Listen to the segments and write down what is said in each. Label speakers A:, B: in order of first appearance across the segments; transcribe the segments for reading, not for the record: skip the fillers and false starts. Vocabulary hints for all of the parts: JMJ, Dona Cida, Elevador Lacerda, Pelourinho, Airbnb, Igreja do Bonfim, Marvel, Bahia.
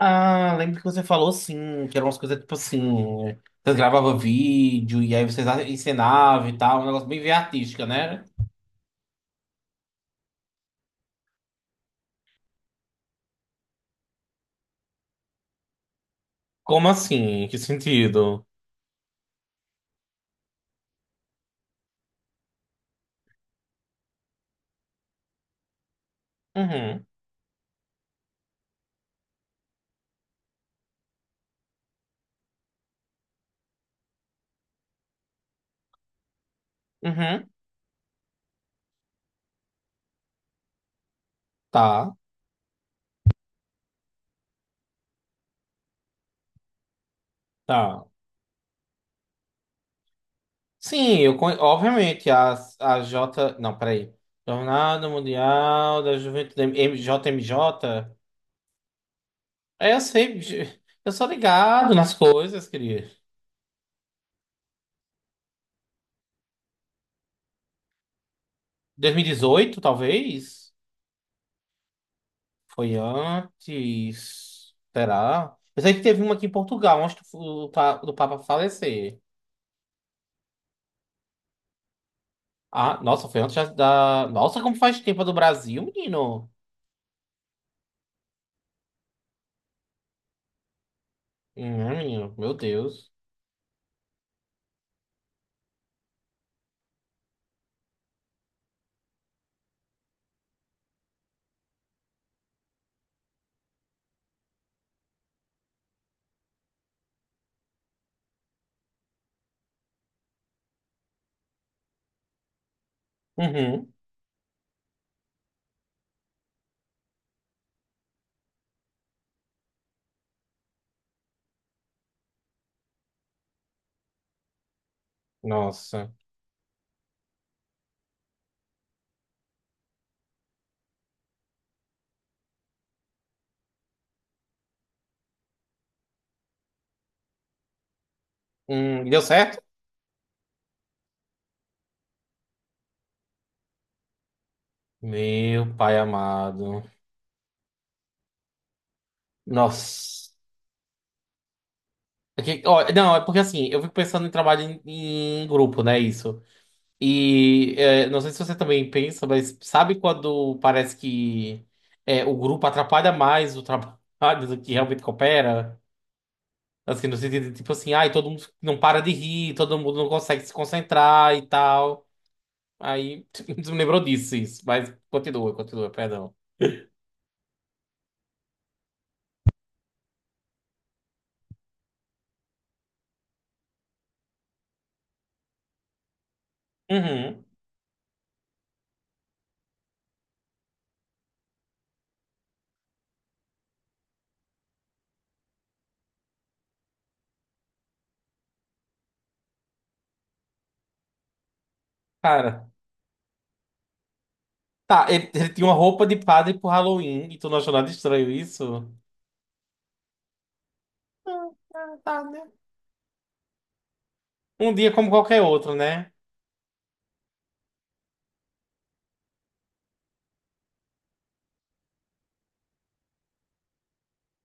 A: Ah, lembro que você falou, sim, que eram umas coisas tipo assim. Vocês gravavam vídeo e aí vocês ensinavam e tal, um negócio bem, bem artística, né? Como assim? Que sentido? Uhum, uhum, tá, tá. Sim, obviamente, a J. Não, peraí. Jornada Mundial da Juventude JMJ? É, eu sei, eu sou ligado nas coisas, querido. 2018, talvez? Foi antes. Será? Eu sei que teve uma aqui em Portugal, antes do Papa falecer. Ah, nossa, foi antes já da. Nossa, como faz tempo a do Brasil, menino? Menino, meu Deus. Uhum. Nossa. Deu certo? Meu pai amado. Nossa. É ó, não, é porque assim, eu fico pensando em trabalho em grupo, né? Isso. E é, não sei se você também pensa, mas sabe quando parece que é, o grupo atrapalha mais o trabalho do que realmente coopera? Assim, no sentido de tipo assim, ai, todo mundo não para de rir, todo mundo não consegue se concentrar e tal. Aí me lembrou disso, isso. Mas continua, continua, perdão. Uhum. Cara. Tá, ele tinha uma roupa de padre pro Halloween e tu não achou nada estranho isso? Ah, ah, tá, né? Um dia como qualquer outro, né?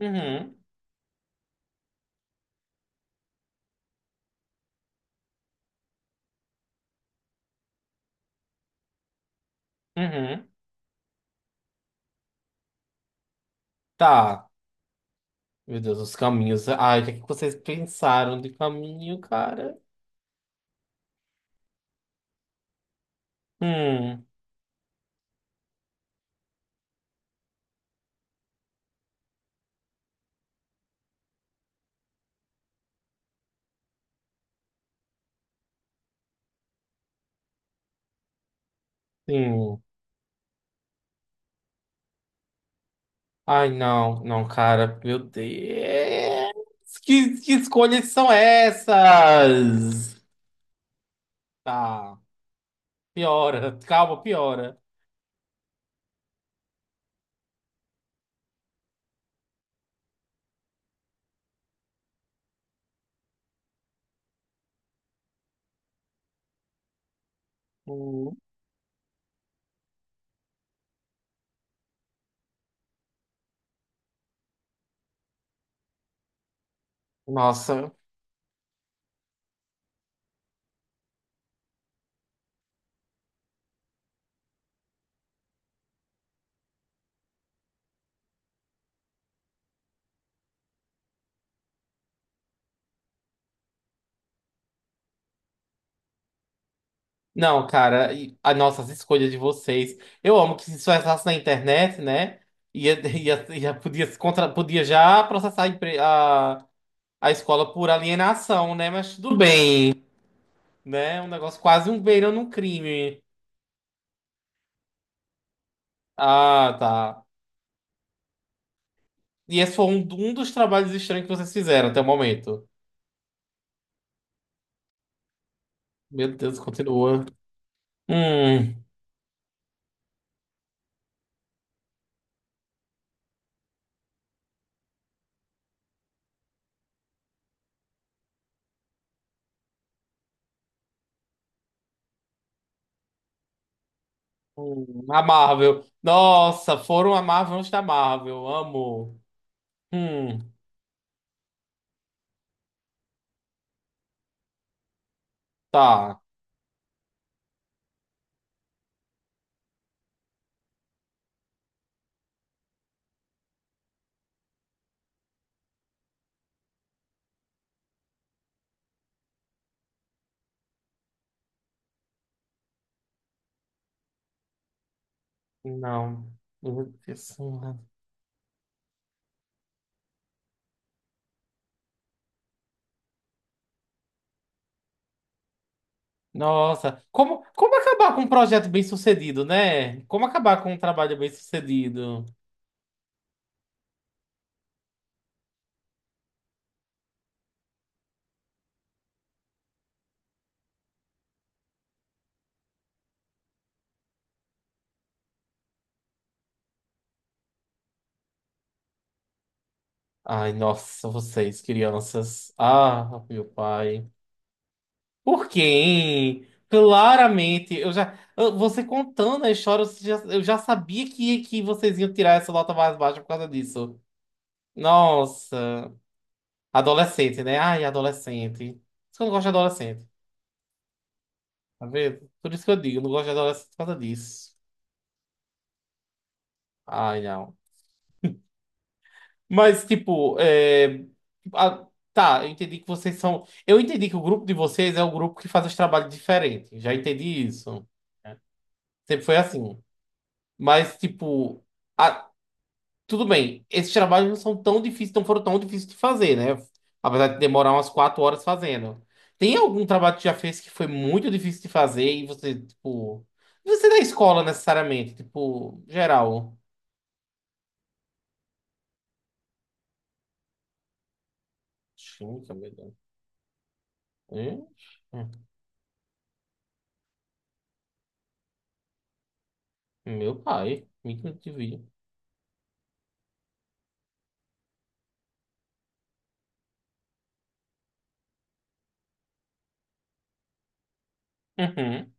A: Uhum. Uhum. Tá. Meu Deus, os caminhos. Ai, o que é que vocês pensaram de caminho, cara? Hum, sim. Ai, não, não, cara. Meu Deus. Que escolhas são essas? Tá, piora. Calma, piora. Hum, Nossa. Não, cara, e as nossas escolhas de vocês. Eu amo que, se isso passasse na internet, né? Ia, ia, ia, podia, se contra, podia já processar a escola por alienação, né? Mas tudo bem. Né? Um negócio quase um beirando um crime. Ah, tá. E esse foi um dos trabalhos estranhos que vocês fizeram até o momento. Meu Deus, continua. Hum, a Marvel. Nossa, foram a Marvel antes da Marvel. Amo. Hum, tá. Não. Meu Deus. Nossa, como acabar com um projeto bem sucedido, né? Como acabar com um trabalho bem sucedido? Ai, nossa, vocês, crianças. Ah, meu pai. Por quem? Claramente, você contando a história, eu já sabia que vocês iam tirar essa nota mais baixa por causa disso. Nossa, adolescente, né? Ai, adolescente. Por isso que eu não gosto de adolescente, tá vendo? Por isso que eu digo, eu não gosto de adolescente por causa disso. Ai, não. Mas, tipo, é, a- tá, eu entendi que vocês são. Eu entendi que o grupo de vocês é o grupo que faz os trabalhos diferentes. Já entendi isso. Sempre foi assim. Mas, tipo. Tudo bem, esses trabalhos não são tão difíceis, não foram tão difíceis de fazer, né? Apesar de demorar umas 4 horas fazendo. Tem algum trabalho que tu já fez que foi muito difícil de fazer e você, tipo. Não sei da escola necessariamente, tipo, geral. Química, meu Deus. Hum? Hum. Meu pai, me que vi. Uhum.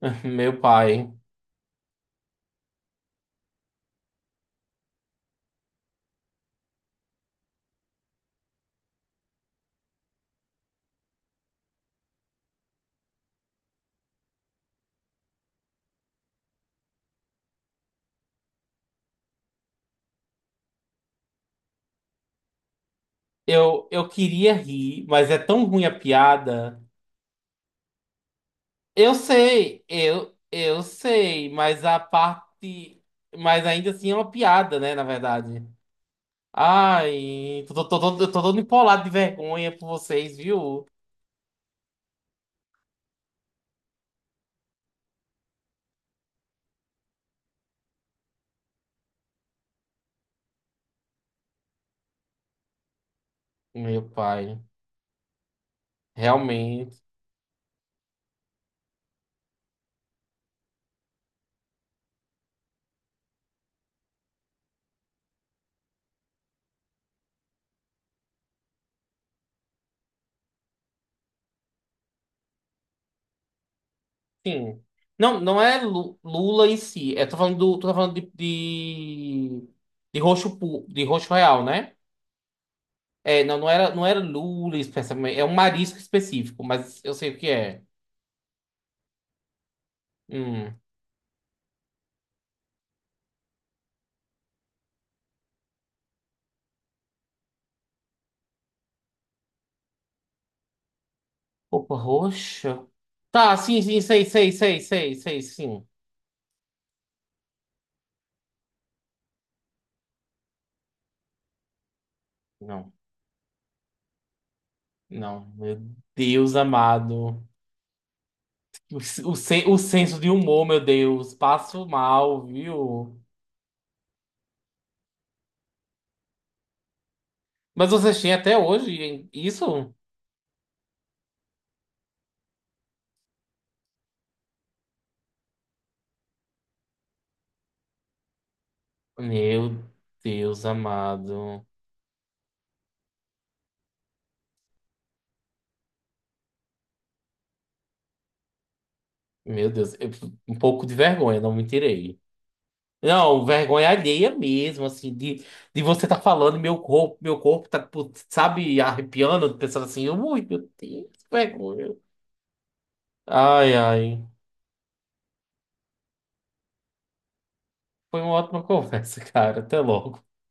A: Meu pai. Eu queria rir, mas é tão ruim a piada. Eu sei, eu sei, mas a parte. Mas ainda assim é uma piada, né, na verdade. Ai, eu tô todo empolado de vergonha por vocês, viu? Meu pai, realmente. Sim. Não, não é Lula em si. É, tô falando de roxo, de roxo real, né? É, não, não era, não era Lula especificamente. É um marisco específico, mas eu sei o que é. Hum. Roupa roxa? Tá, sim, sim, sei, sei, sei, sei, sei, sim. Não, não, meu Deus amado. O senso de humor, meu Deus. Passo mal, viu? Mas vocês têm até hoje, hein? Isso? Meu Deus amado. Meu Deus, um pouco de vergonha, não me tirei. Não, vergonha alheia mesmo, assim, de você tá falando, e meu corpo tá, putz, sabe, arrepiando, pensando assim, ui, meu Deus, que vergonha. Ai, ai. Foi uma ótima conversa, cara. Até logo.